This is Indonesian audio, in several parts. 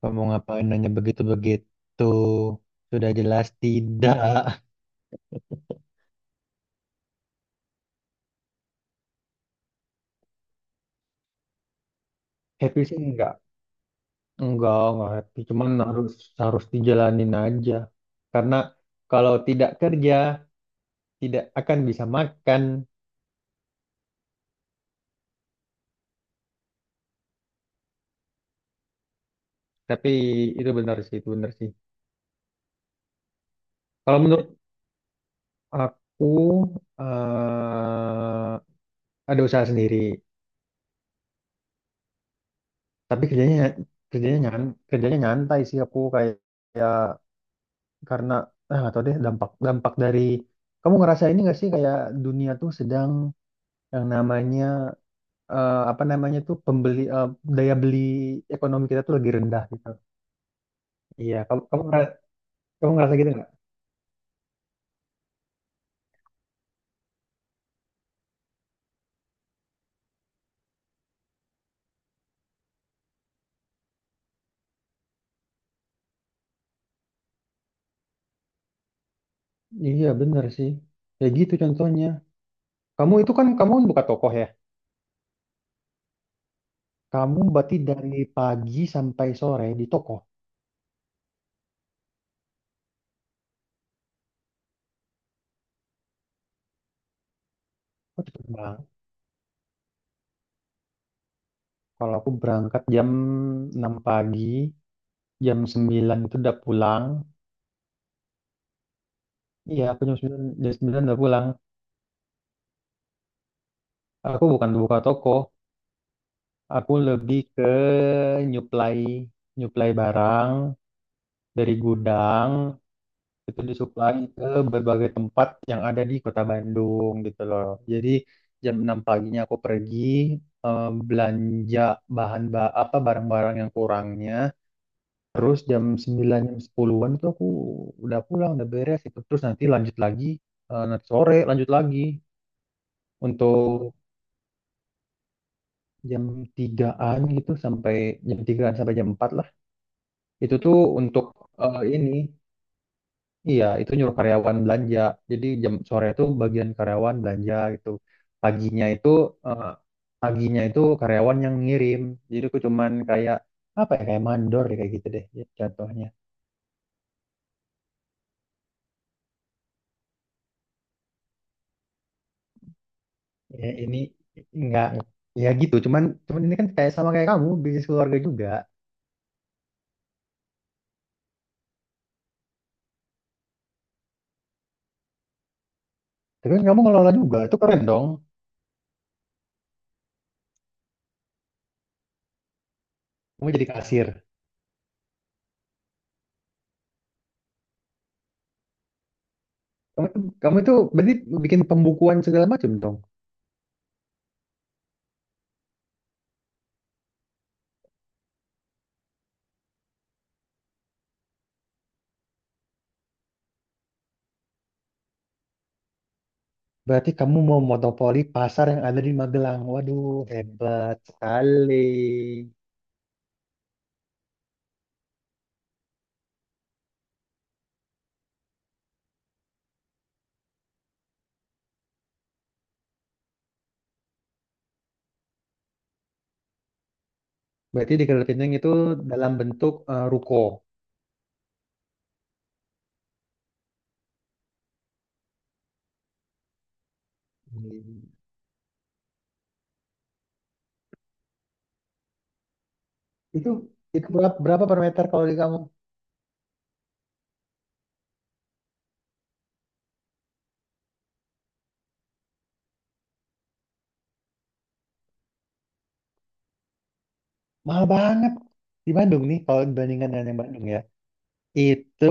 Kamu ngapain nanya begitu-begitu? Sudah jelas tidak. Happy sih enggak. Enggak happy. Cuman harus harus dijalanin aja. Karena kalau tidak kerja, tidak akan bisa makan. Tapi itu benar sih, itu benar sih. Kalau menurut aku, eh ada usaha sendiri. Tapi kerjanya kerjanya nyan, kerjanya nyantai sih aku kayak kayak karena nggak tahu deh dampak dampak dari kamu ngerasa ini nggak sih kayak dunia tuh sedang yang namanya apa namanya tuh pembeli daya beli ekonomi kita tuh lagi rendah gitu. Iya, kamu kamu ngera- kamu ngerasa gitu nggak? Iya bener sih. Kayak gitu contohnya. Kamu itu kan kamu buka toko ya. Kamu berarti dari pagi sampai sore di toko. Oh, cepet banget. Kalau aku berangkat jam 6 pagi, jam 9 itu udah pulang. Iya, aku jam 9 jam 9 udah pulang. Aku bukan buka toko, aku lebih ke nyuplai nyuplai barang dari gudang itu disuplai ke berbagai tempat yang ada di Kota Bandung gitu loh. Jadi jam 6 paginya aku pergi eh, belanja bahan ba apa barang-barang yang kurangnya. Terus jam 9 jam sepuluhan itu aku udah pulang, udah beres itu. Terus nanti lanjut lagi nanti sore lanjut lagi untuk jam 3-an gitu sampai jam 3-an sampai jam 4. Itu tuh untuk ini, iya itu nyuruh karyawan belanja. Jadi jam sore itu bagian karyawan belanja gitu. Paginya itu eh, paginya itu karyawan yang ngirim. Jadi aku cuman kayak apa ya kayak mandor ya, kayak gitu deh jatuhnya. Ya, ini nggak ya gitu. Cuman cuman ini kan kayak sama kayak kamu bisnis keluarga juga. Tapi kan kamu ngelola juga, itu keren dong. Kamu jadi kasir. Kamu, kamu itu berarti bikin pembukuan segala macam dong. Berarti kamu mau monopoli pasar yang ada di Magelang. Waduh, hebat sekali. Berarti di Kedai Pinang itu dalam bentuk ruko. Hmm. Itu itu berapa per meter kalau di kamu? Mahal banget. Di Bandung nih, kalau dibandingkan dengan yang Bandung ya. Itu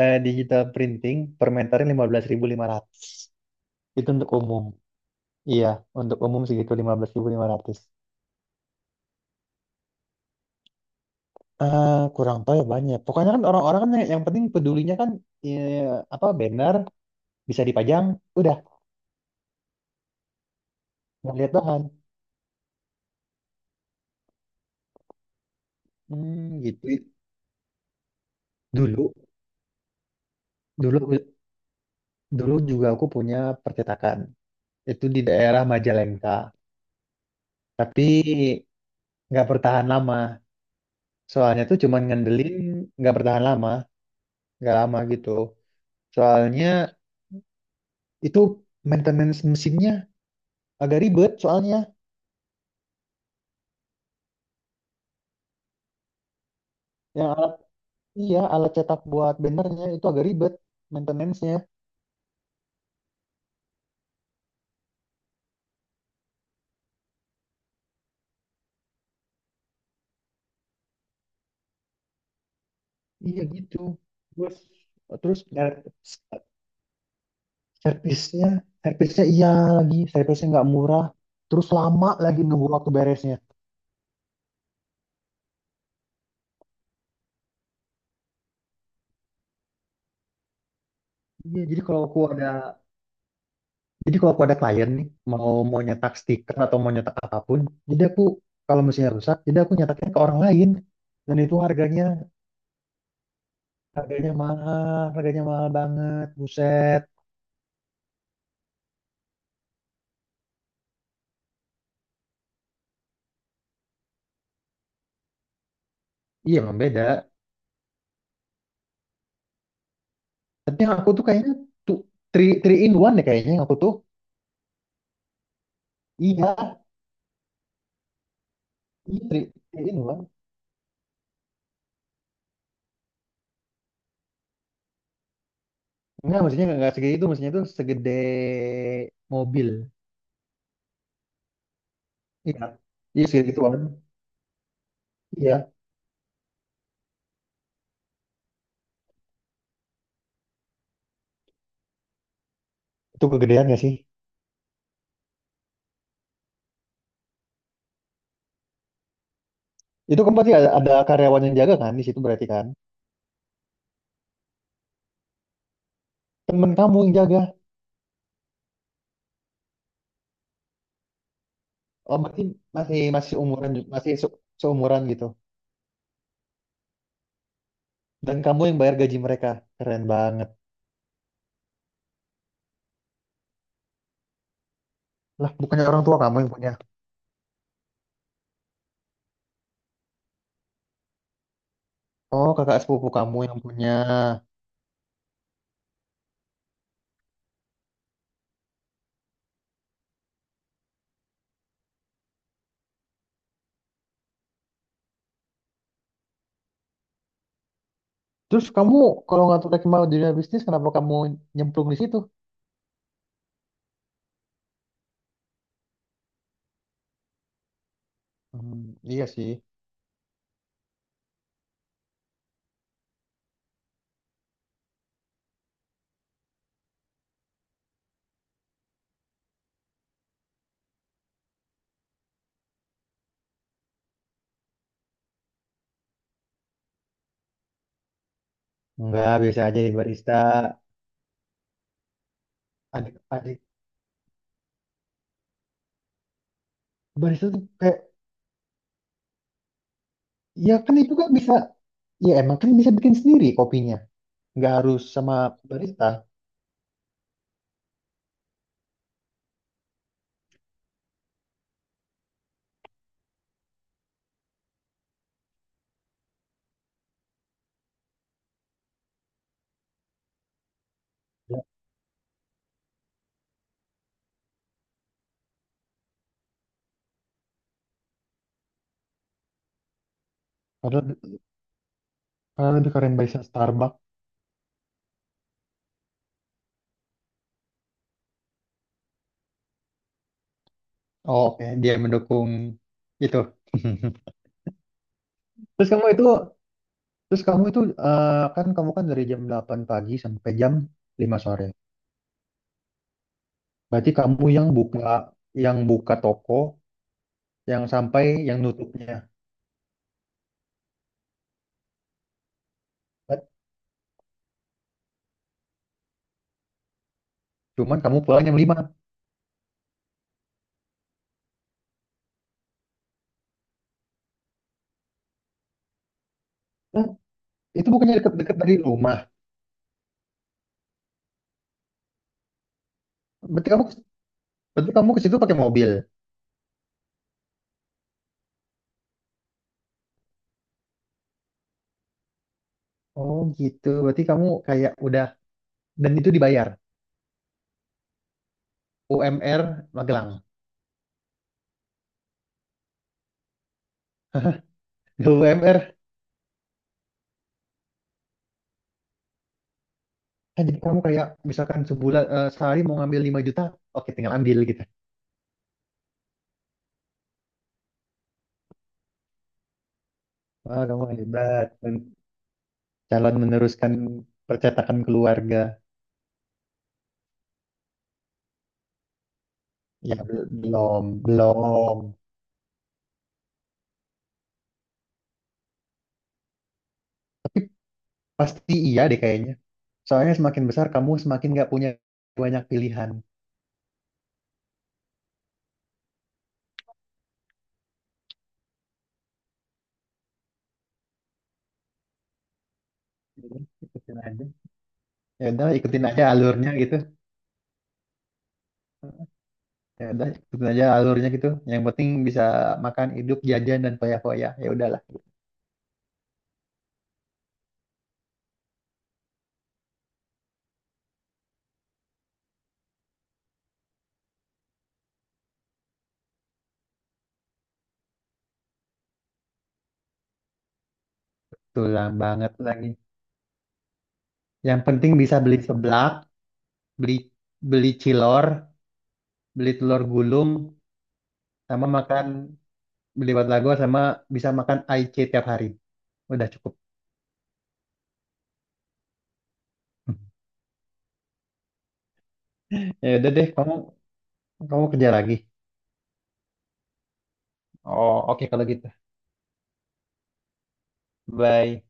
digital printing per meternya 15.500. Itu untuk umum. Iya, untuk umum segitu 15.500. Kurang tahu ya banyak. Pokoknya kan orang-orang kan yang penting pedulinya kan ya, apa banner bisa dipajang, udah nggak lihat bahan. Hmm, gitu. Dulu, dulu, dulu juga aku punya percetakan. Itu di daerah Majalengka, tapi nggak bertahan lama. Soalnya tuh cuman ngandelin nggak bertahan lama, nggak lama gitu. Soalnya itu maintenance mesinnya agak ribet. Soalnya yang alat iya alat cetak buat bannernya itu agak ribet maintenance-nya. Iya gitu. Terus terus Servisnya, servisnya iya lagi, servisnya nggak murah, terus lama lagi nunggu waktu beresnya. Iya, jadi kalau aku ada klien nih, mau mau nyetak stiker atau mau nyetak apapun, jadi aku kalau mesinnya rusak, jadi aku nyetaknya ke orang lain, dan itu harganya harganya mahal, harganya mahal banget, buset. Iya, emang beda. Tapi yang aku tuh kayaknya tuh three in one deh kayaknya yang aku tuh. Iya, iya three in one. Enggak, maksudnya nggak segede itu, maksudnya itu segede mobil. Iya, iya segituan. Iya, itu kegedean ya sih? Itu kan berarti ada karyawan yang jaga kan di situ berarti kan? Temen kamu yang jaga. Oh, berarti masih masih umuran ju- masih se- seumuran gitu. Dan kamu yang bayar gaji mereka. Keren banget. Lah, bukannya orang tua kamu yang punya. Oh, kakak sepupu kamu yang punya. Terus kamu kalau nggak tertarik mau dunia bisnis, kenapa kamu nyemplung di situ? Hmm, iya sih. Enggak, biasa aja di barista. Adik, adik. Barista tuh kayak. Ya kan itu kan bisa, ya emang kan bisa bikin sendiri kopinya. Nggak harus sama barista. Ya. Padahal padahal lebih keren barista Starbucks. Oh, oke, dia mendukung itu. Terus kamu itu, terus kamu itu eh, Kan kamu kan dari jam 8 pagi sampai jam 5 sore. Berarti kamu yang buka toko, yang sampai yang nutupnya. Cuman kamu pulang jam 5. Nah, itu bukannya dekat-dekat dari rumah. Berarti kamu berarti kamu ke situ pakai mobil. Oh gitu. Berarti kamu kayak udah dan itu dibayar UMR Magelang. Nggak UMR kan jadi kamu kayak misalkan sebulan eh, sehari mau ngambil 5 juta, oke tinggal ambil gitu. Wah, kamu hebat. Calon meneruskan percetakan keluarga. Ya, belum belum tapi pasti iya deh kayaknya. Soalnya semakin besar kamu semakin nggak punya banyak pilihan. Jadi, ikutin aja. Ya udah ikutin aja alurnya gitu. Ya udah ikutin aja alurnya gitu. Yang penting bisa makan, hidup, jajan dan foya-foya, ya udahlah. Tulang banget lagi. Yang penting bisa beli seblak, beli beli cilor, beli telur gulung, sama makan beli batagor sama bisa makan IC tiap hari. Udah cukup. Ya udah deh, kamu kamu kerja lagi. Oh, oke kalau gitu. Bye.